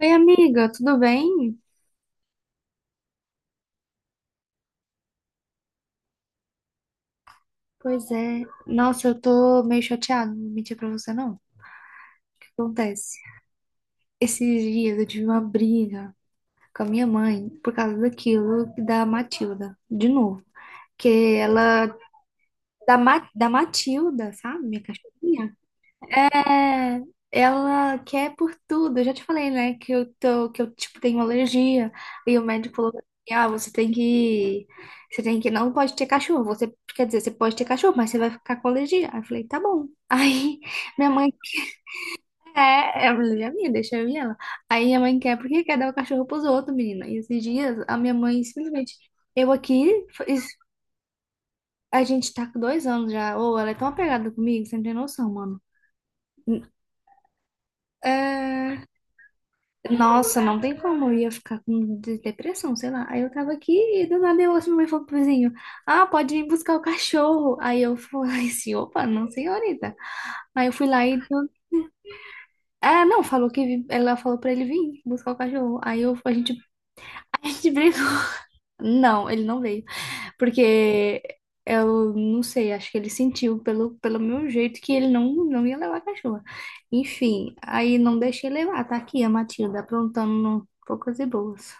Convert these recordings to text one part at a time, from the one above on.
Oi, amiga, tudo bem? Pois é. Nossa, eu tô meio chateada, não vou mentir pra você, não. O que acontece? Esses dias eu tive uma briga com a minha mãe por causa daquilo da Matilda, de novo. Que ela, da Matilda, sabe? Minha cachorrinha, é, ela quer por tudo. Eu já te falei, né, que eu tipo tenho alergia. E o médico falou assim, ah, você tem que, não pode ter cachorro. Você, quer dizer, você pode ter cachorro, mas você vai ficar com alergia. Aí eu falei, tá bom. Aí minha mãe quer, é alergia minha, deixa eu ir ela. Aí minha mãe quer porque quer dar o cachorro pros outros, menina. E esses dias a minha mãe simplesmente, eu aqui, a gente tá com 2 anos já. Ou ela é tão apegada comigo, você não tem noção, mano. É, nossa, não tem como, eu ia ficar com depressão, sei lá. Aí eu tava aqui e do nada eu ouço minha mãe falando pro vizinho: ah, pode vir buscar o cachorro. Aí eu falei assim: opa, não, senhorita. Aí eu fui lá. Ah, não, ela falou pra ele vir buscar o cachorro. Aí eu, a gente, a gente brigou. Não, ele não veio. Porque eu não sei, acho que ele sentiu pelo meu jeito que ele não, não ia levar a cachorra. Enfim, aí não deixei levar. Tá aqui a Matilda aprontando no poucas e boas.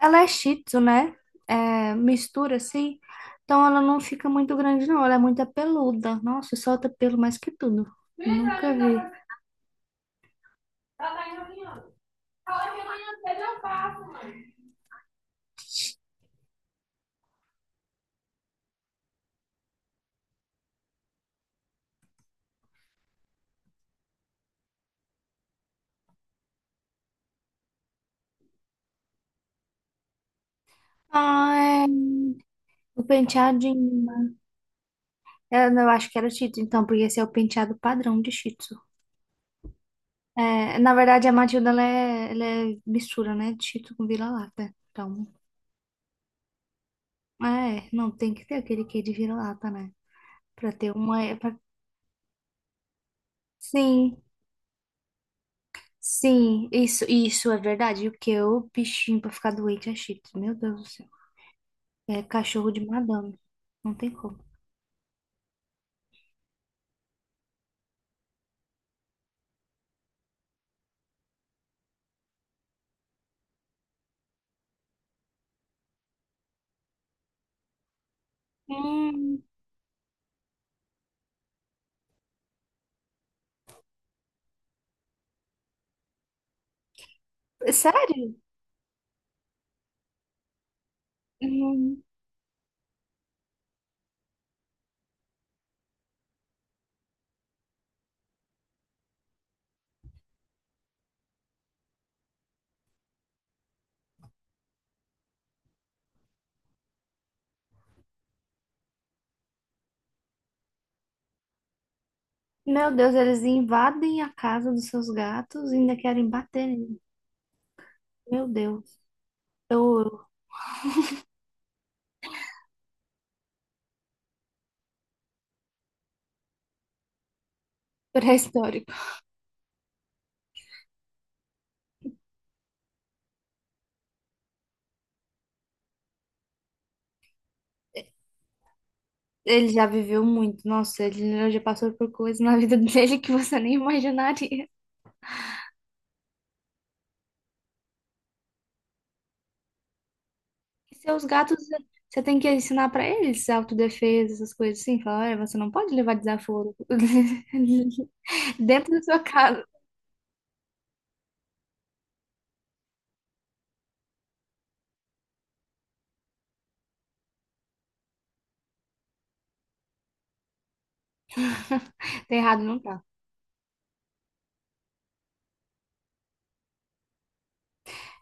Ela é Shih Tzu, né? É, mistura assim. Então ela não fica muito grande, não. Ela é muito peluda. Nossa, solta pelo mais que tudo. Nunca vi. Ah, é. O penteadinho. Eu, não, Eu acho que era Shih Tzu, então, porque esse é o penteado padrão de Shih Tzu. É, na verdade, a Matilda ela é mistura, né? De Shih Tzu com vira-lata. Então, é, não tem que ter aquele quê de vira-lata, né? Pra ter uma. É, pra- Sim. Sim, isso é verdade. Bichinho, pra ficar doente é chique. Meu Deus do céu. É cachorro de madame. Não tem como. Hum, sério? Hum. Meu Deus, eles invadem a casa dos seus gatos e ainda querem bater nele. Meu Deus. Eu, pré-histórico. Ele já viveu muito. Nossa, ele já passou por coisas na vida dele que você nem imaginaria. E seus gatos, você tem que ensinar pra eles autodefesa, essas coisas assim. Falar, olha, você não pode levar desaforo dentro da sua casa. Tá errado, não tá.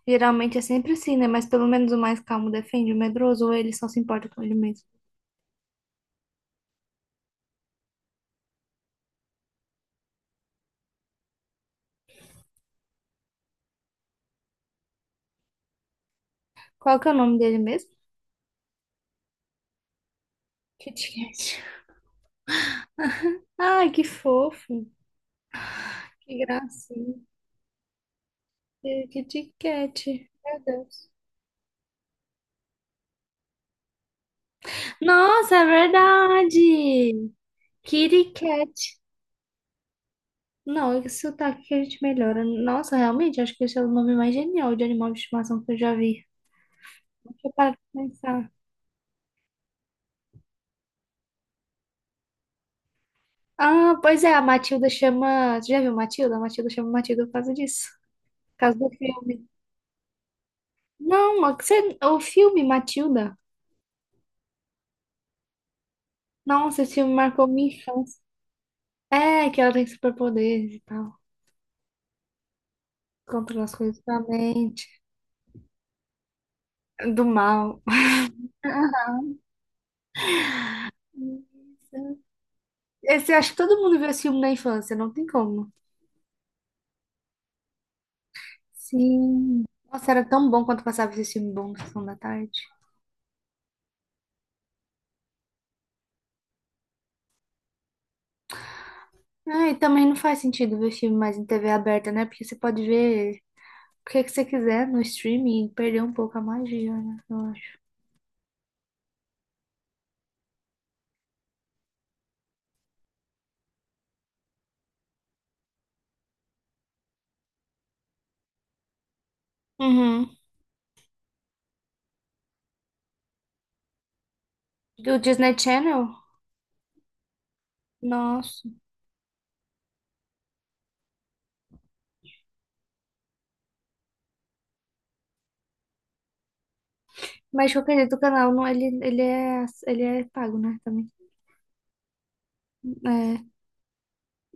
Geralmente é sempre assim, né? Mas pelo menos o mais calmo defende o medroso ou ele só se importa com ele mesmo. Qual que é o nome dele mesmo? Kit Kat. Ai, que fofo. Que gracinha. É, Kit Kat. Meu Deus. Nossa, é verdade. Kitty Cat. Não, esse sotaque que a gente melhora. Nossa, realmente, acho que esse é o nome mais genial de animal de estimação que eu já vi. Deixa eu parar pra pensar. Ah, pois é, a Matilda chama. Você já viu Matilda? A Matilda chama Matilda por causa disso. Por causa do filme. Não, a- Você... o filme Matilda. Nossa, esse filme marcou minha infância. É, que ela tem superpoderes e tal. Controla as coisas da mente. Do mal. Esse, acho que todo mundo viu esse filme na infância, não tem como. Sim. Nossa, era tão bom quando passava esse filme bom no Sessão da Tarde. Ah, e também não faz sentido ver filme mais em TV aberta, né? Porque você pode ver o que que você quiser no streaming e perder um pouco a magia, né? Eu acho. Uhum. Do Disney Channel? Nossa. Mas de qualquer jeito, o canal não, ele é pago, né? Também.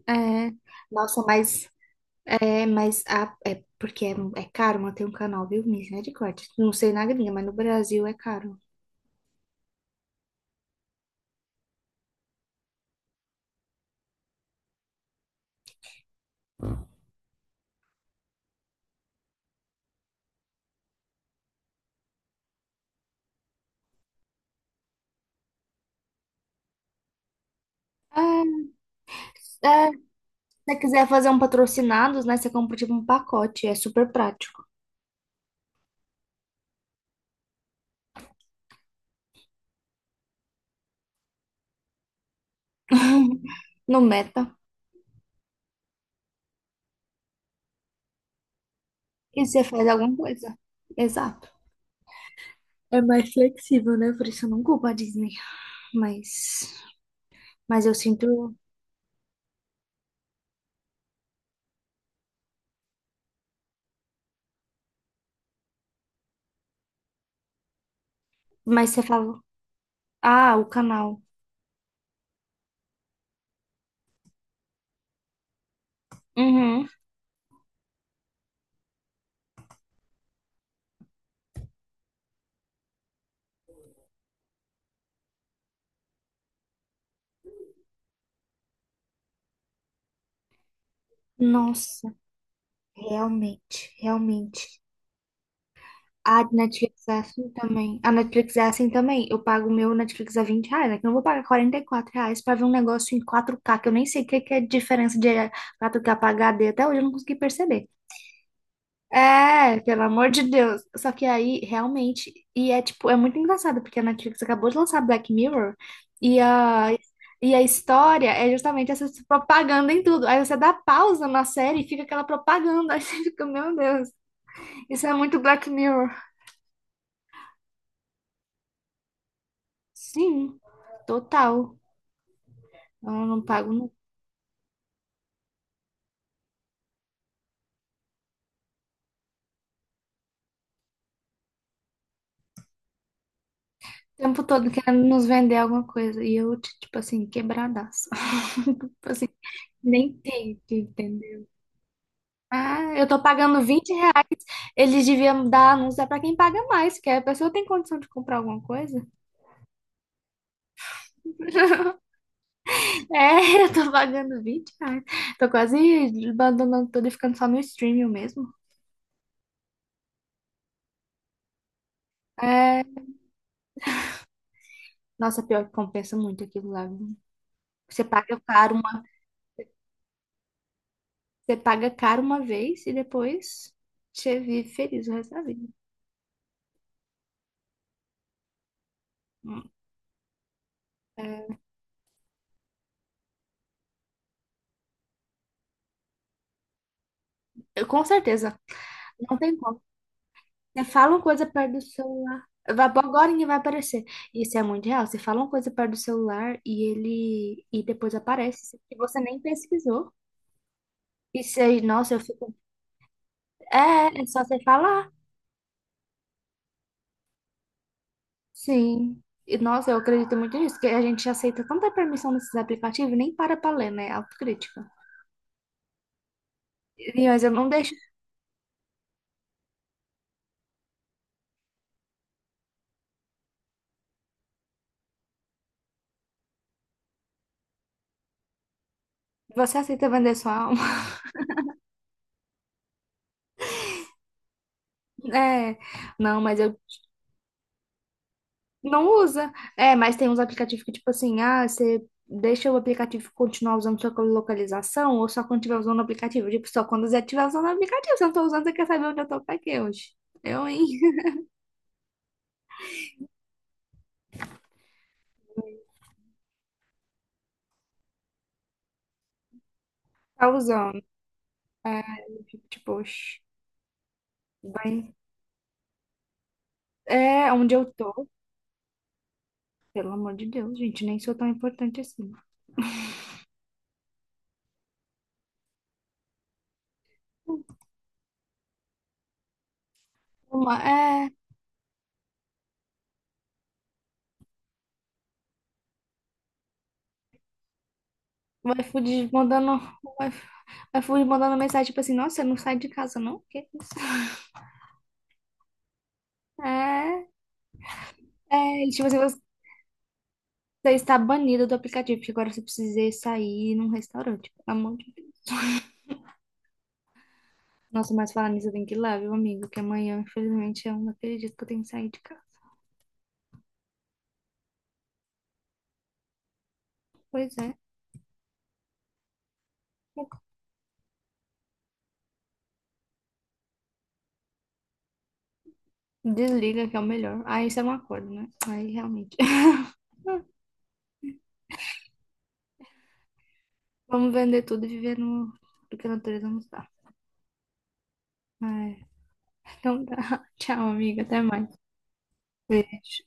É, é. Nossa, mas é, é porque é, é caro manter um canal, viu? Misericórdia. Não sei na gringa, mas no Brasil é caro. É, é, você quiser fazer um patrocinados, né? Você compra tipo um pacote, é super prático. No Meta. E você faz alguma coisa. Exato. É mais flexível, né? Por isso eu não culpo a Disney. Mas, mas eu sinto. Mas você fala. Ah, o canal. Uhum. Nossa, realmente. A Netflix é assim também. A Netflix é assim também. Eu pago o meu Netflix a 20 reais, né? Que eu não vou pagar 44 reais pra ver um negócio em 4K que eu nem sei o que que é a diferença de 4K pra HD. Até hoje eu não consegui perceber. É, pelo amor de Deus. Só que aí, realmente, e é tipo, é muito engraçado, porque a Netflix acabou de lançar Black Mirror e a, e a história é justamente essa propaganda em tudo. Aí você dá pausa na série e fica aquela propaganda. Aí você fica, meu Deus, isso é muito Black Mirror. Sim, total. Eu não pago no tempo todo querendo nos vender alguma coisa. E eu, tipo assim, quebradaço. Tipo assim, nem tento, entendeu? Ah, eu tô pagando 20 reais. Eles deviam dar anúncio é pra quem paga mais, porque a pessoa tem condição de comprar alguma coisa. É, eu tô pagando 20 reais. Tô quase abandonando tudo e ficando só no streaming mesmo. É, nossa, pior que compensa muito aquilo lá, viu? Você paga caro uma, você paga caro uma vez e depois você vive feliz o resto da vida. Hum, Com certeza. Não tem como. Você fala uma coisa perto do celular. Agora ninguém vai aparecer. Isso é muito real. Você fala uma coisa perto do celular e depois aparece. E você nem pesquisou. Isso aí, nossa, eu fico. É, é só você falar. Sim. E, nossa, eu acredito muito nisso, que a gente aceita tanta permissão nesses aplicativos, nem para pra ler, né? Autocrítica. Mas eu não deixo. Você aceita vender sua alma? É. Não, mas eu Não usa. É, mas tem uns aplicativos que, tipo assim, ah, você deixa o aplicativo continuar usando sua localização ou só quando estiver usando o aplicativo. Tipo, só quando você estiver usando o aplicativo. Se eu não tô usando, você quer saber onde eu tô pra quê hoje? Eu, hein? Tá usando. É, eu fico tipo, oxe, vai. É, onde eu tô? Pelo amor de Deus, gente, nem sou tão importante assim. Uma, é, o iFood mandando, o iFood mandando mensagem, tipo assim, nossa, você não sai de casa, não? O quê? É, tipo assim, você está banido do aplicativo, porque agora você precisa sair num restaurante, pelo amor de Deus. Nossa, mas falando nisso, eu tenho que ir lá, viu, amigo? Que amanhã, infelizmente, eu não acredito que eu tenho que sair de casa. Pois é. Desliga, que é o melhor. Aí isso é um acordo, né? Aí realmente. Vamos vender tudo e viver no... do que a natureza nos dá. É, então tá. Tchau, amiga. Até mais. Beijo.